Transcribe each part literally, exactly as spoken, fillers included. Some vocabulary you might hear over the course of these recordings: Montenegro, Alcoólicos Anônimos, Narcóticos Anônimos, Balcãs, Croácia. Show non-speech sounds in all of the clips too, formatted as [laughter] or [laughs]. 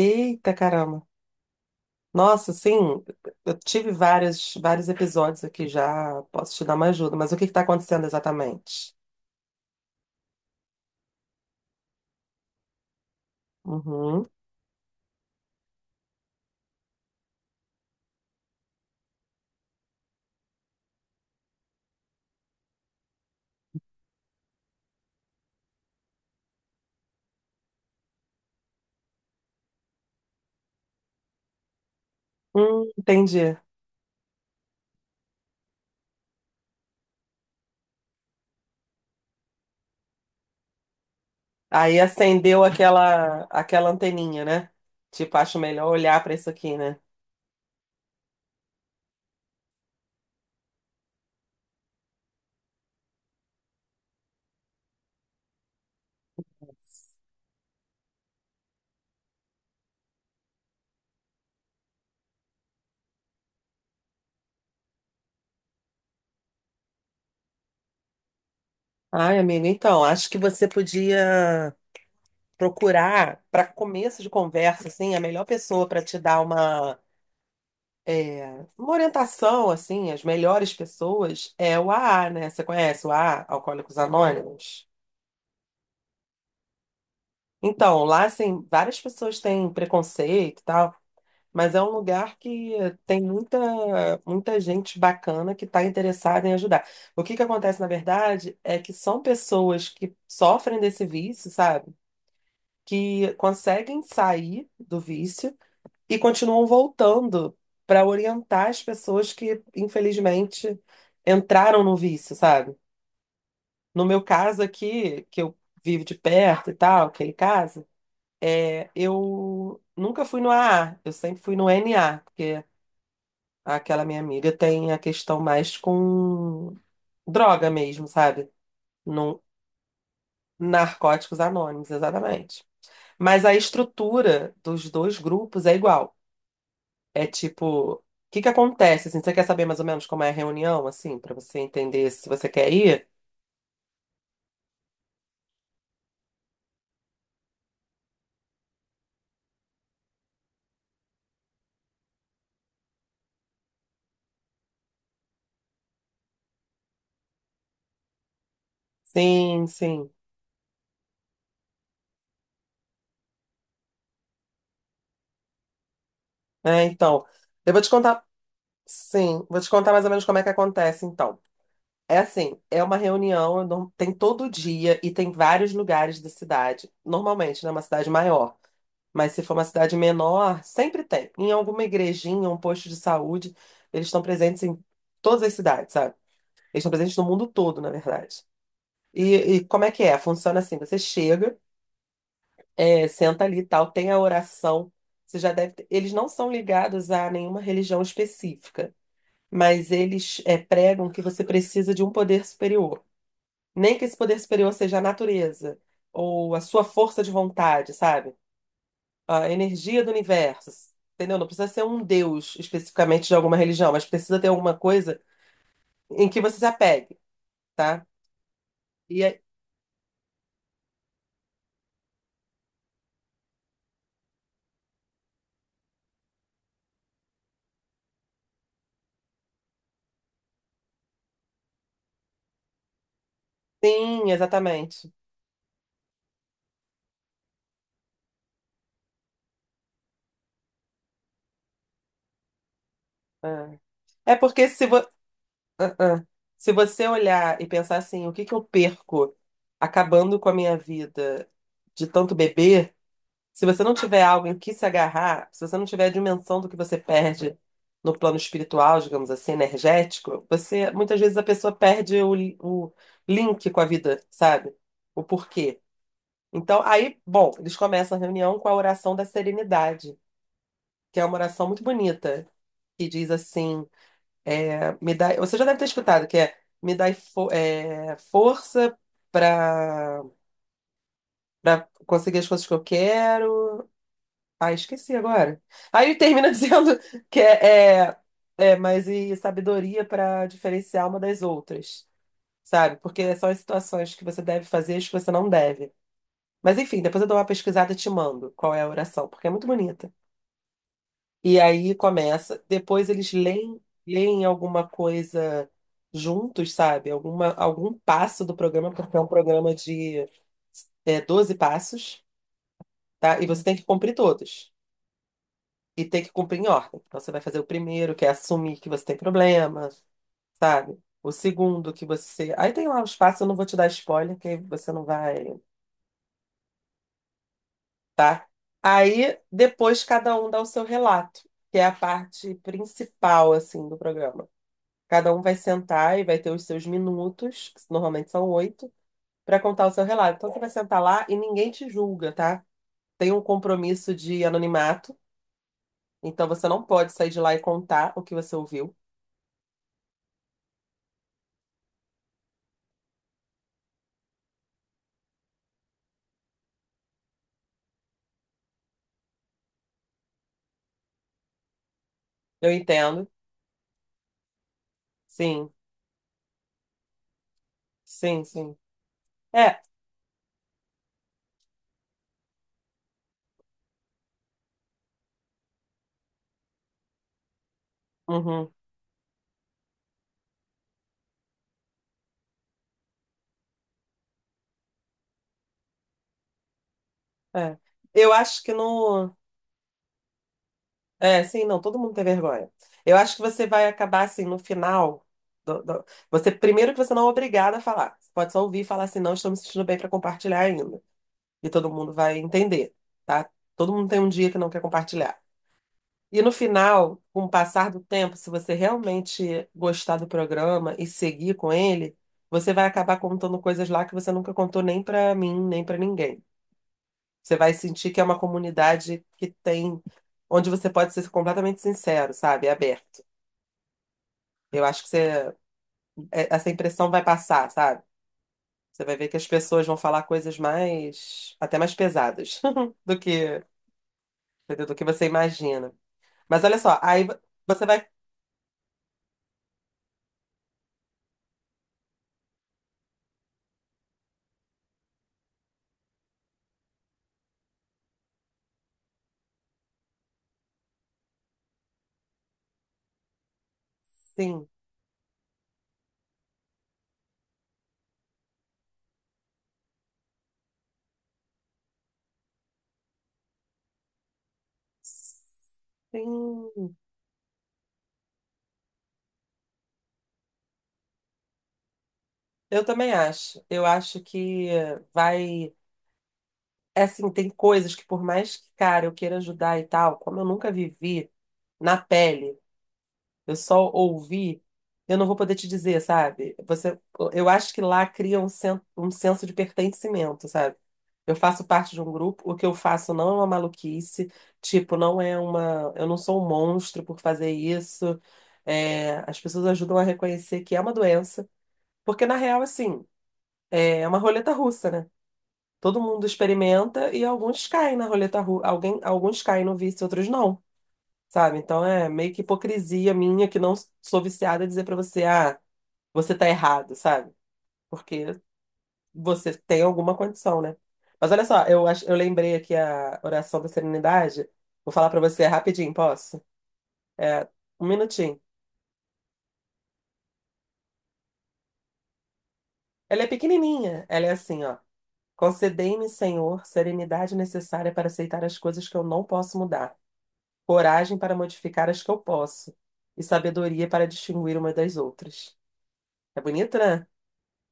Eita caramba. Nossa, sim, eu tive vários, vários episódios aqui já. Posso te dar uma ajuda, mas o que está acontecendo exatamente? Uhum. Hum, entendi. Aí acendeu aquela, aquela anteninha, né? Tipo, acho melhor olhar para isso aqui, né? Ai, amigo, então, acho que você podia procurar, para começo de conversa, assim, a melhor pessoa para te dar uma. É, uma orientação, assim, as melhores pessoas é o A A, né? Você conhece o A A, Alcoólicos Anônimos? Então, lá, assim, várias pessoas têm preconceito e tal, mas é um lugar que tem muita, muita gente bacana que está interessada em ajudar. O que que acontece, na verdade, é que são pessoas que sofrem desse vício, sabe? Que conseguem sair do vício e continuam voltando para orientar as pessoas que, infelizmente, entraram no vício, sabe? No meu caso aqui, que eu vivo de perto e tal, aquele caso, é, eu nunca fui no A A, eu sempre fui no N A, porque aquela minha amiga tem a questão mais com droga mesmo, sabe? No Narcóticos Anônimos, exatamente. Mas a estrutura dos dois grupos é igual. É tipo, o que que acontece? Assim, você quer saber mais ou menos como é a reunião, assim, pra você entender se você quer ir? Sim, sim. É, então, eu vou te contar. Sim, vou te contar mais ou menos como é que acontece, então. É assim, é uma reunião, eu não- tem todo dia e tem vários lugares da cidade. Normalmente, né, uma cidade maior. Mas se for uma cidade menor, sempre tem. Em alguma igrejinha, um posto de saúde, eles estão presentes em todas as cidades, sabe? Eles estão presentes no mundo todo, na verdade. E, e como é que é? Funciona assim: você chega, é, senta ali e tal, tem a oração. Você já deve ter- Eles não são ligados a nenhuma religião específica, mas eles é, pregam que você precisa de um poder superior. Nem que esse poder superior seja a natureza, ou a sua força de vontade, sabe? A energia do universo. Entendeu? Não precisa ser um deus especificamente de alguma religião, mas precisa ter alguma coisa em que você se apegue, tá? E é- sim, exatamente. É. É porque se, vo- Ah, ah. Se você olhar e pensar assim, o que que eu perco acabando com a minha vida de tanto beber? Se você não tiver algo em que se agarrar, se você não tiver a dimensão do que você perde no plano espiritual, digamos assim, energético, você muitas vezes a pessoa perde o, li- o link com a vida, sabe? O porquê. Então, aí, bom, eles começam a reunião com a oração da serenidade, que é uma oração muito bonita, que diz assim é, me dá, você já deve ter escutado, que é me dá fo- é, força para para conseguir as coisas que eu quero. Ah, esqueci agora. Aí ele termina [laughs] dizendo que é, é, é, mas e sabedoria para diferenciar uma das outras, sabe? Porque são as situações que você deve fazer e as que você não deve. Mas enfim, depois eu dou uma pesquisada e te mando qual é a oração, porque é muito bonita. E aí começa. Depois eles leem, leem alguma coisa juntos, sabe? Alguma, algum passo do programa, porque é um programa de é, doze passos, tá? E você tem que cumprir todos. E tem que cumprir em ordem. Então você vai fazer o primeiro, que é assumir que você tem problema, sabe? O segundo, que você. Aí tem lá os passos, eu não vou te dar spoiler, que aí você não vai, tá? Aí depois cada um dá o seu relato, que é a parte principal, assim, do programa. Cada um vai sentar e vai ter os seus minutos, que normalmente são oito, para contar o seu relato. Então você vai sentar lá e ninguém te julga, tá? Tem um compromisso de anonimato, então você não pode sair de lá e contar o que você ouviu. Eu entendo. Sim, sim, sim. É, uhum, é. Eu acho que no. É, sim, não, todo mundo tem vergonha. Eu acho que você vai acabar assim, no final. do- do- Você, primeiro que você não é obrigada a falar. Você pode só ouvir e falar assim, não, estou me sentindo bem para compartilhar ainda. E todo mundo vai entender, tá? Todo mundo tem um dia que não quer compartilhar. E no final, com o passar do tempo, se você realmente gostar do programa e seguir com ele, você vai acabar contando coisas lá que você nunca contou nem pra mim, nem pra ninguém. Você vai sentir que é uma comunidade que tem, onde você pode ser completamente sincero, sabe? Aberto. Eu acho que você, é- essa impressão vai passar, sabe? Você vai ver que as pessoas vão falar coisas mais, até mais pesadas [laughs] do que, entendeu? Do que você imagina. Mas olha só, aí vo- você vai. Sim. Sim. Eu também acho. Eu acho que vai. É assim, tem coisas que, por mais que, cara, eu queira ajudar e tal, como eu nunca vivi na pele, eu só ouvi, eu não vou poder te dizer, sabe? Você, eu acho que lá cria um, sen, um senso de pertencimento, sabe? Eu faço parte de um grupo, o que eu faço não é uma maluquice, tipo, não é uma. Eu não sou um monstro por fazer isso. É, as pessoas ajudam a reconhecer que é uma doença, porque na real, assim, é uma roleta russa, né? Todo mundo experimenta e alguns caem na roleta russa, alguém, alguns caem no vício, outros não, sabe? Então é meio que hipocrisia minha que não sou viciada dizer pra você, ah, você tá errado, sabe? Porque você tem alguma condição, né? Mas olha só, eu, acho- eu lembrei aqui a oração da Serenidade. Vou falar pra você rapidinho, posso? É, um minutinho. Ela é pequenininha. Ela é assim, ó. Concedei-me, Senhor, serenidade necessária para aceitar as coisas que eu não posso mudar, coragem para modificar as que eu posso e sabedoria para distinguir uma das outras. É bonito, né?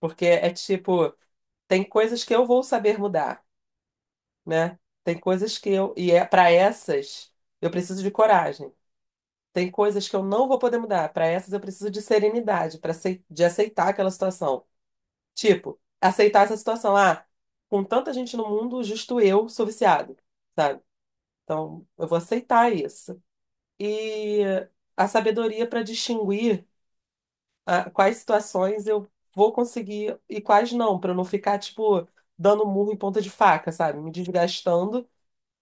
Porque é tipo, tem coisas que eu vou saber mudar, né? Tem coisas que eu e é para essas eu preciso de coragem. Tem coisas que eu não vou poder mudar. Para essas eu preciso de serenidade, para de aceitar aquela situação. Tipo, aceitar essa situação. Ah, com tanta gente no mundo, justo eu sou viciado, sabe? Então, eu vou aceitar isso. E a sabedoria para distinguir ah, quais situações eu vou conseguir e quais não, para eu não ficar, tipo, dando murro em ponta de faca, sabe? Me desgastando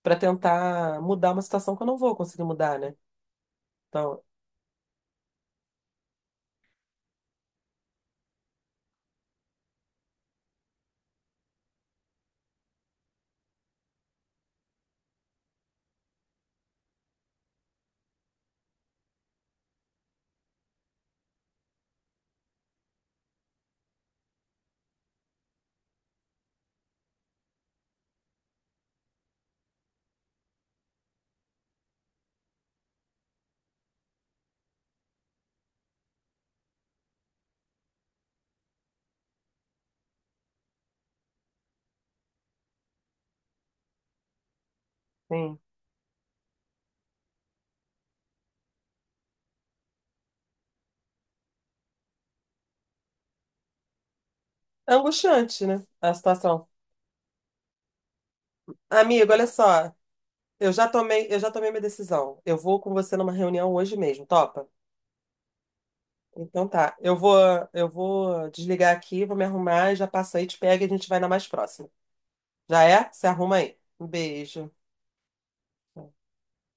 para tentar mudar uma situação que eu não vou conseguir mudar, né? Então, sim. É angustiante, né? A situação. Amigo, olha só, eu já tomei, eu já tomei minha decisão. Eu vou com você numa reunião hoje mesmo, topa? Então tá, eu vou, eu vou desligar aqui, vou me arrumar, e já passo aí, te pega e a gente vai na mais próxima. Já é? Se arruma aí. Um beijo.